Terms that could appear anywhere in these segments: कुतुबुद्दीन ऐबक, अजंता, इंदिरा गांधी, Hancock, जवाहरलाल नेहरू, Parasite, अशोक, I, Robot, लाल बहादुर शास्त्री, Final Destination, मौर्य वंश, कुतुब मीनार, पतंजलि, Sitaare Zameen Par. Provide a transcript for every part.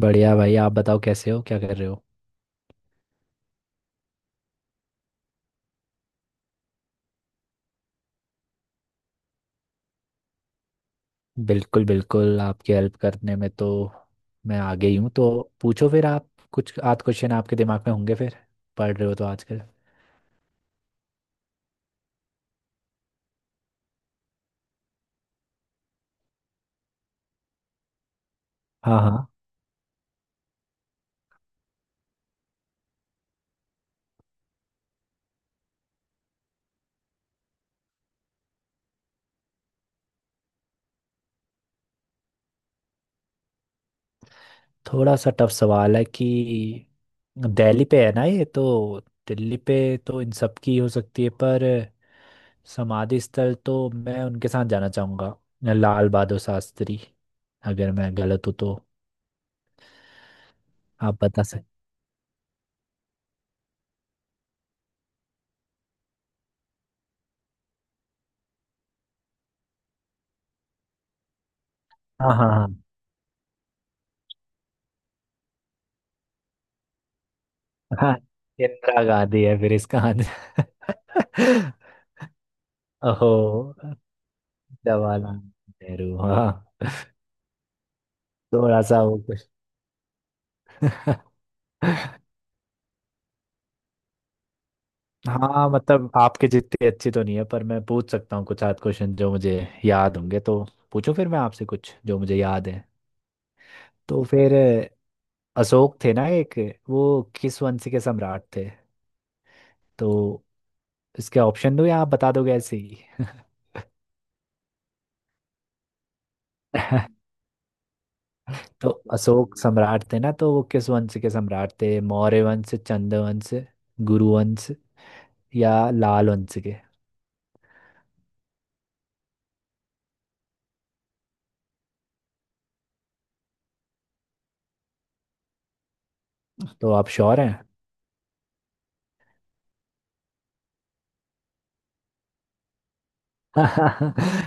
बढ़िया भाई। आप बताओ, कैसे हो, क्या कर रहे हो? बिल्कुल बिल्कुल, आपकी हेल्प करने में तो मैं आगे ही हूँ। तो पूछो फिर आप। कुछ आध क्वेश्चन आपके दिमाग में होंगे। फिर पढ़ रहे हो तो आजकल? हाँ हाँ। थोड़ा सा टफ सवाल है कि दिल्ली पे है ना ये तो। दिल्ली पे तो इन सब की हो सकती है, पर समाधि स्थल तो मैं उनके साथ जाना चाहूँगा, लाल बहादुर शास्त्री। अगर मैं गलत हूँ तो आप बता सकते। हाँ हाँ हाँ। हाँ, इंदिरा गांधी है फिर इसका आंसर। ओहो, जवाहरलाल नेहरू, हाँ। थोड़ा सा वो कुछ। हाँ, मतलब आपके जितनी अच्छी तो नहीं है, पर मैं पूछ सकता हूँ कुछ आध क्वेश्चन जो मुझे याद होंगे तो। पूछो, फिर मैं आपसे कुछ जो मुझे याद है। तो फिर अशोक थे ना एक, वो किस वंश के सम्राट थे? तो इसके ऑप्शन दो या आप बता दोगे ऐसे ही? तो अशोक सम्राट थे ना, तो वो किस वंश के सम्राट थे? मौर्य वंश, चंद वंश, गुरु वंश, या लाल वंश के? तो आप श्योर हैं?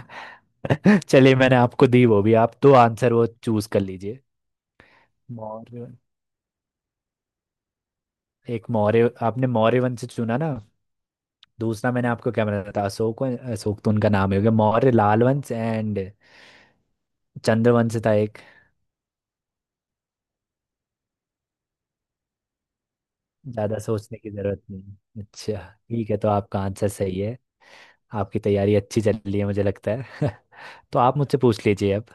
चलिए मैंने आपको दी वो भी, आप दो आंसर वो चूज कर लीजिए। मौर्य वं- एक मौर्य, आपने मौर्य वंश चुना ना। दूसरा मैंने आपको क्या बताया था? अशोक तो उनका नाम ही हो गया। मौर्य, लाल वंश एंड चंद्र वंश था एक। ज्यादा सोचने की जरूरत नहीं, अच्छा। ठीक है, तो आपका आंसर सही है। आपकी तैयारी अच्छी चल रही है मुझे लगता है। तो आप मुझसे पूछ लीजिए अब।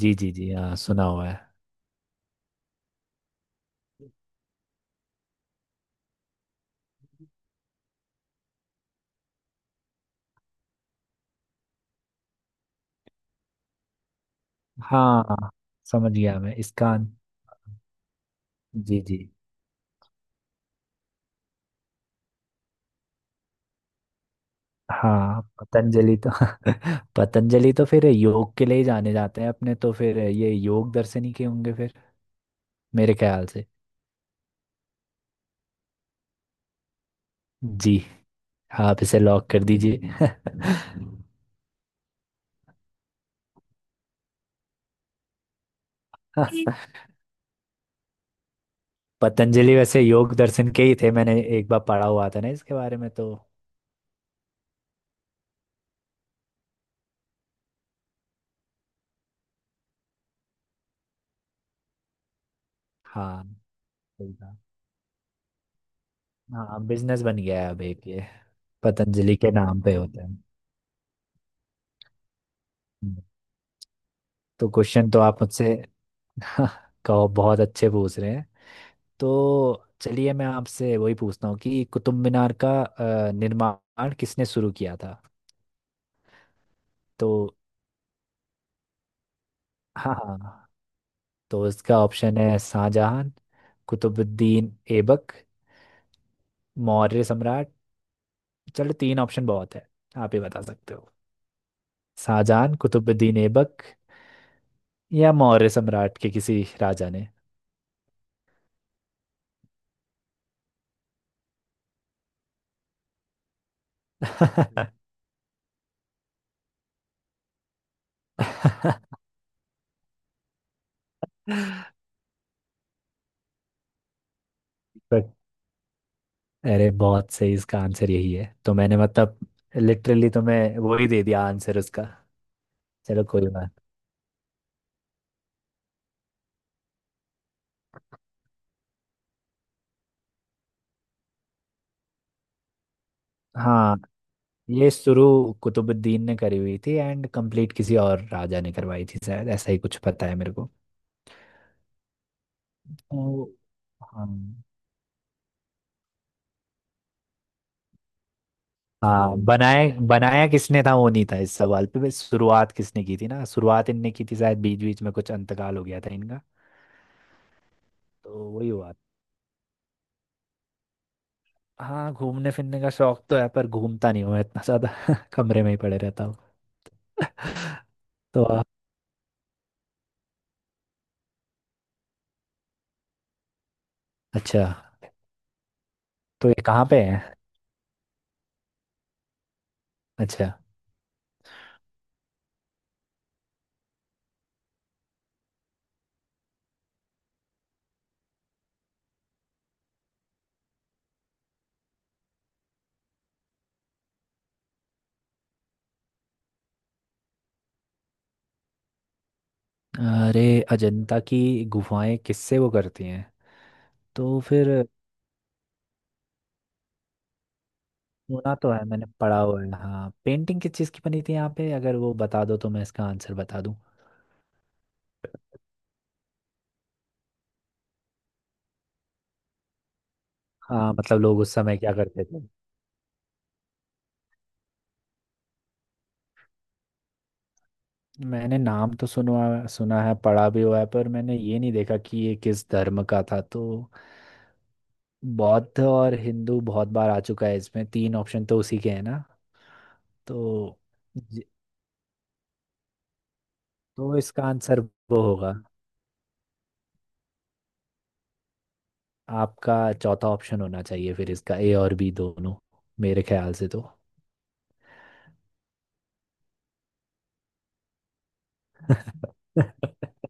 जी जी जी, हाँ, सुना हुआ है। हाँ, समझ गया मैं इसका। जी जी, हाँ। पतंजलि तो, पतंजलि तो फिर योग के लिए ही जाने जाते हैं अपने, तो फिर ये योग दर्शन ही के होंगे फिर मेरे ख्याल से। जी, आप इसे लॉक कर दीजिए। पतंजलि वैसे योग दर्शन के ही थे, मैंने एक बार पढ़ा हुआ था ना इसके बारे में तो। हाँ सही था। हाँ, बिजनेस बन गया है अब एक ये, पतंजलि के नाम पे होता है। हम्म, तो क्वेश्चन तो आप मुझसे। कहो, बहुत अच्छे पूछ रहे हैं। तो चलिए मैं आपसे वही पूछता हूँ कि कुतुब मीनार का निर्माण किसने शुरू किया था? तो हाँ हाँ। तो इसका ऑप्शन है शाहजहां, कुतुबुद्दीन ऐबक, मौर्य सम्राट। चलो तीन ऑप्शन बहुत है, आप ही बता सकते हो। शाहजहां, कुतुबुद्दीन ऐबक, या मौर्य सम्राट के किसी राजा ने? तो अरे बहुत सही, इसका आंसर यही है। तो मैंने मतलब लिटरली तुम्हें वो ही दे दिया आंसर उसका। चलो, कोई बात। हाँ, ये शुरू कुतुबुद्दीन ने करी हुई थी, एंड कंप्लीट किसी और राजा ने करवाई थी शायद, ऐसा ही कुछ पता है मेरे को। तो, हाँ। हाँ, बनाया बनाया किसने था वो नहीं था इस सवाल पे, बस शुरुआत किसने की थी ना, शुरुआत इनने की थी शायद, बीच बीच में कुछ अंतकाल हो गया था इनका। तो वही हुआ। हाँ, घूमने फिरने का शौक तो है, पर घूमता नहीं हूँ मैं इतना ज्यादा। कमरे में ही पड़े रहता हूँ। तो आ- अच्छा। तो ये कहाँ पे है? अच्छा। अरे, अजंता की गुफाएं किससे वो करती हैं? तो फिर सुना तो है, मैंने पढ़ा हुआ है, हाँ। पेंटिंग किस चीज़ की बनी थी यहाँ पे, अगर वो बता दो तो मैं इसका आंसर बता दूँ। हाँ, मतलब लोग उस समय क्या करते थे। मैंने नाम तो सुना सुना है, पढ़ा भी हुआ है, पर मैंने ये नहीं देखा कि ये किस धर्म का था तो। बौद्ध और हिंदू बहुत बार आ चुका है इसमें, तीन ऑप्शन तो उसी के हैं ना। तो ज- तो इसका आंसर वो होगा। आपका चौथा ऑप्शन होना चाहिए फिर इसका, ए और बी दोनों, मेरे ख्याल से तो।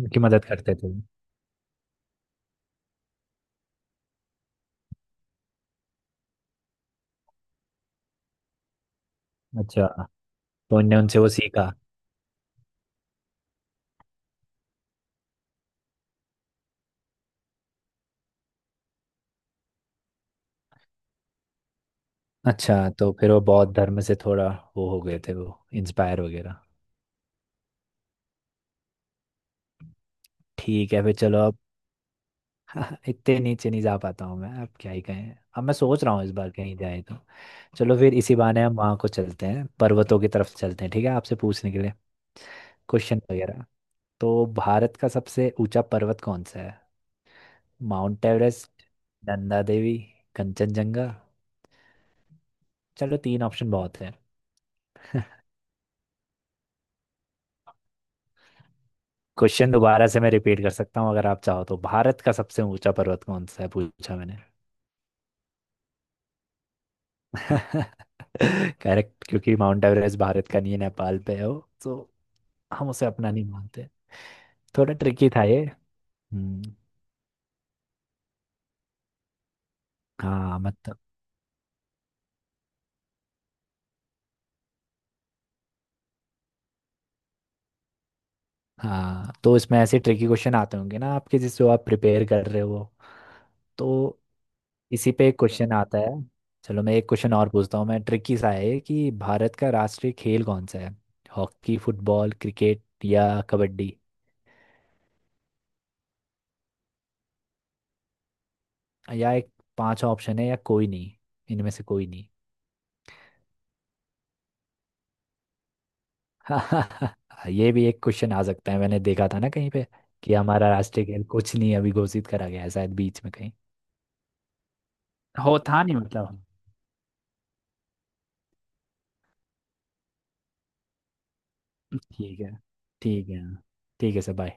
उनकी मदद करते थे। अच्छा, तो उनने उनसे वो सीखा। अच्छा, तो फिर वो बौद्ध धर्म से थोड़ा वो हो गए थे, वो इंस्पायर वगैरह। ठीक है फिर, चलो अब। इतने नीचे नहीं जा पाता हूँ मैं, अब क्या ही कहें, अब मैं सोच रहा हूँ इस बार कहीं जाए तो। चलो फिर इसी बहाने हम वहाँ को चलते हैं, पर्वतों की तरफ चलते हैं। ठीक है, आपसे पूछने के लिए क्वेश्चन वगैरह। तो भारत का सबसे ऊंचा पर्वत कौन सा है? Mount Everest, Nanda Devi, Kanchenjunga. चलो तीन ऑप्शन बहुत है। क्वेश्चन दोबारा से मैं रिपीट कर सकता हूँ अगर आप चाहो तो। भारत का सबसे ऊंचा पर्वत कौन सा है, पूछा मैंने। करेक्ट, क्योंकि माउंट एवरेस्ट भारत का नहीं है, नेपाल पे है वो तो। हम उसे अपना नहीं मानते। थोड़ा ट्रिकी था ये। हम्म। हाँ, मतलब। हाँ, तो इसमें ऐसे ट्रिकी क्वेश्चन आते होंगे ना आपके, जिससे आप प्रिपेयर कर रहे हो। तो इसी पे एक क्वेश्चन आता है। चलो मैं एक क्वेश्चन और पूछता हूँ, मैं ट्रिकी सा है ये कि भारत का राष्ट्रीय खेल कौन सा है? हॉकी, फुटबॉल, क्रिकेट, या कबड्डी? या एक पांचवा ऑप्शन है, या कोई नहीं, इनमें से कोई नहीं? ये भी एक क्वेश्चन आ सकता है, मैंने देखा था ना कहीं पे, कि हमारा राष्ट्रीय खेल कुछ नहीं अभी घोषित करा गया है शायद, बीच में कहीं। हो, था नहीं मतलब। ठीक है। ठीक है। ठीक है सर, bye।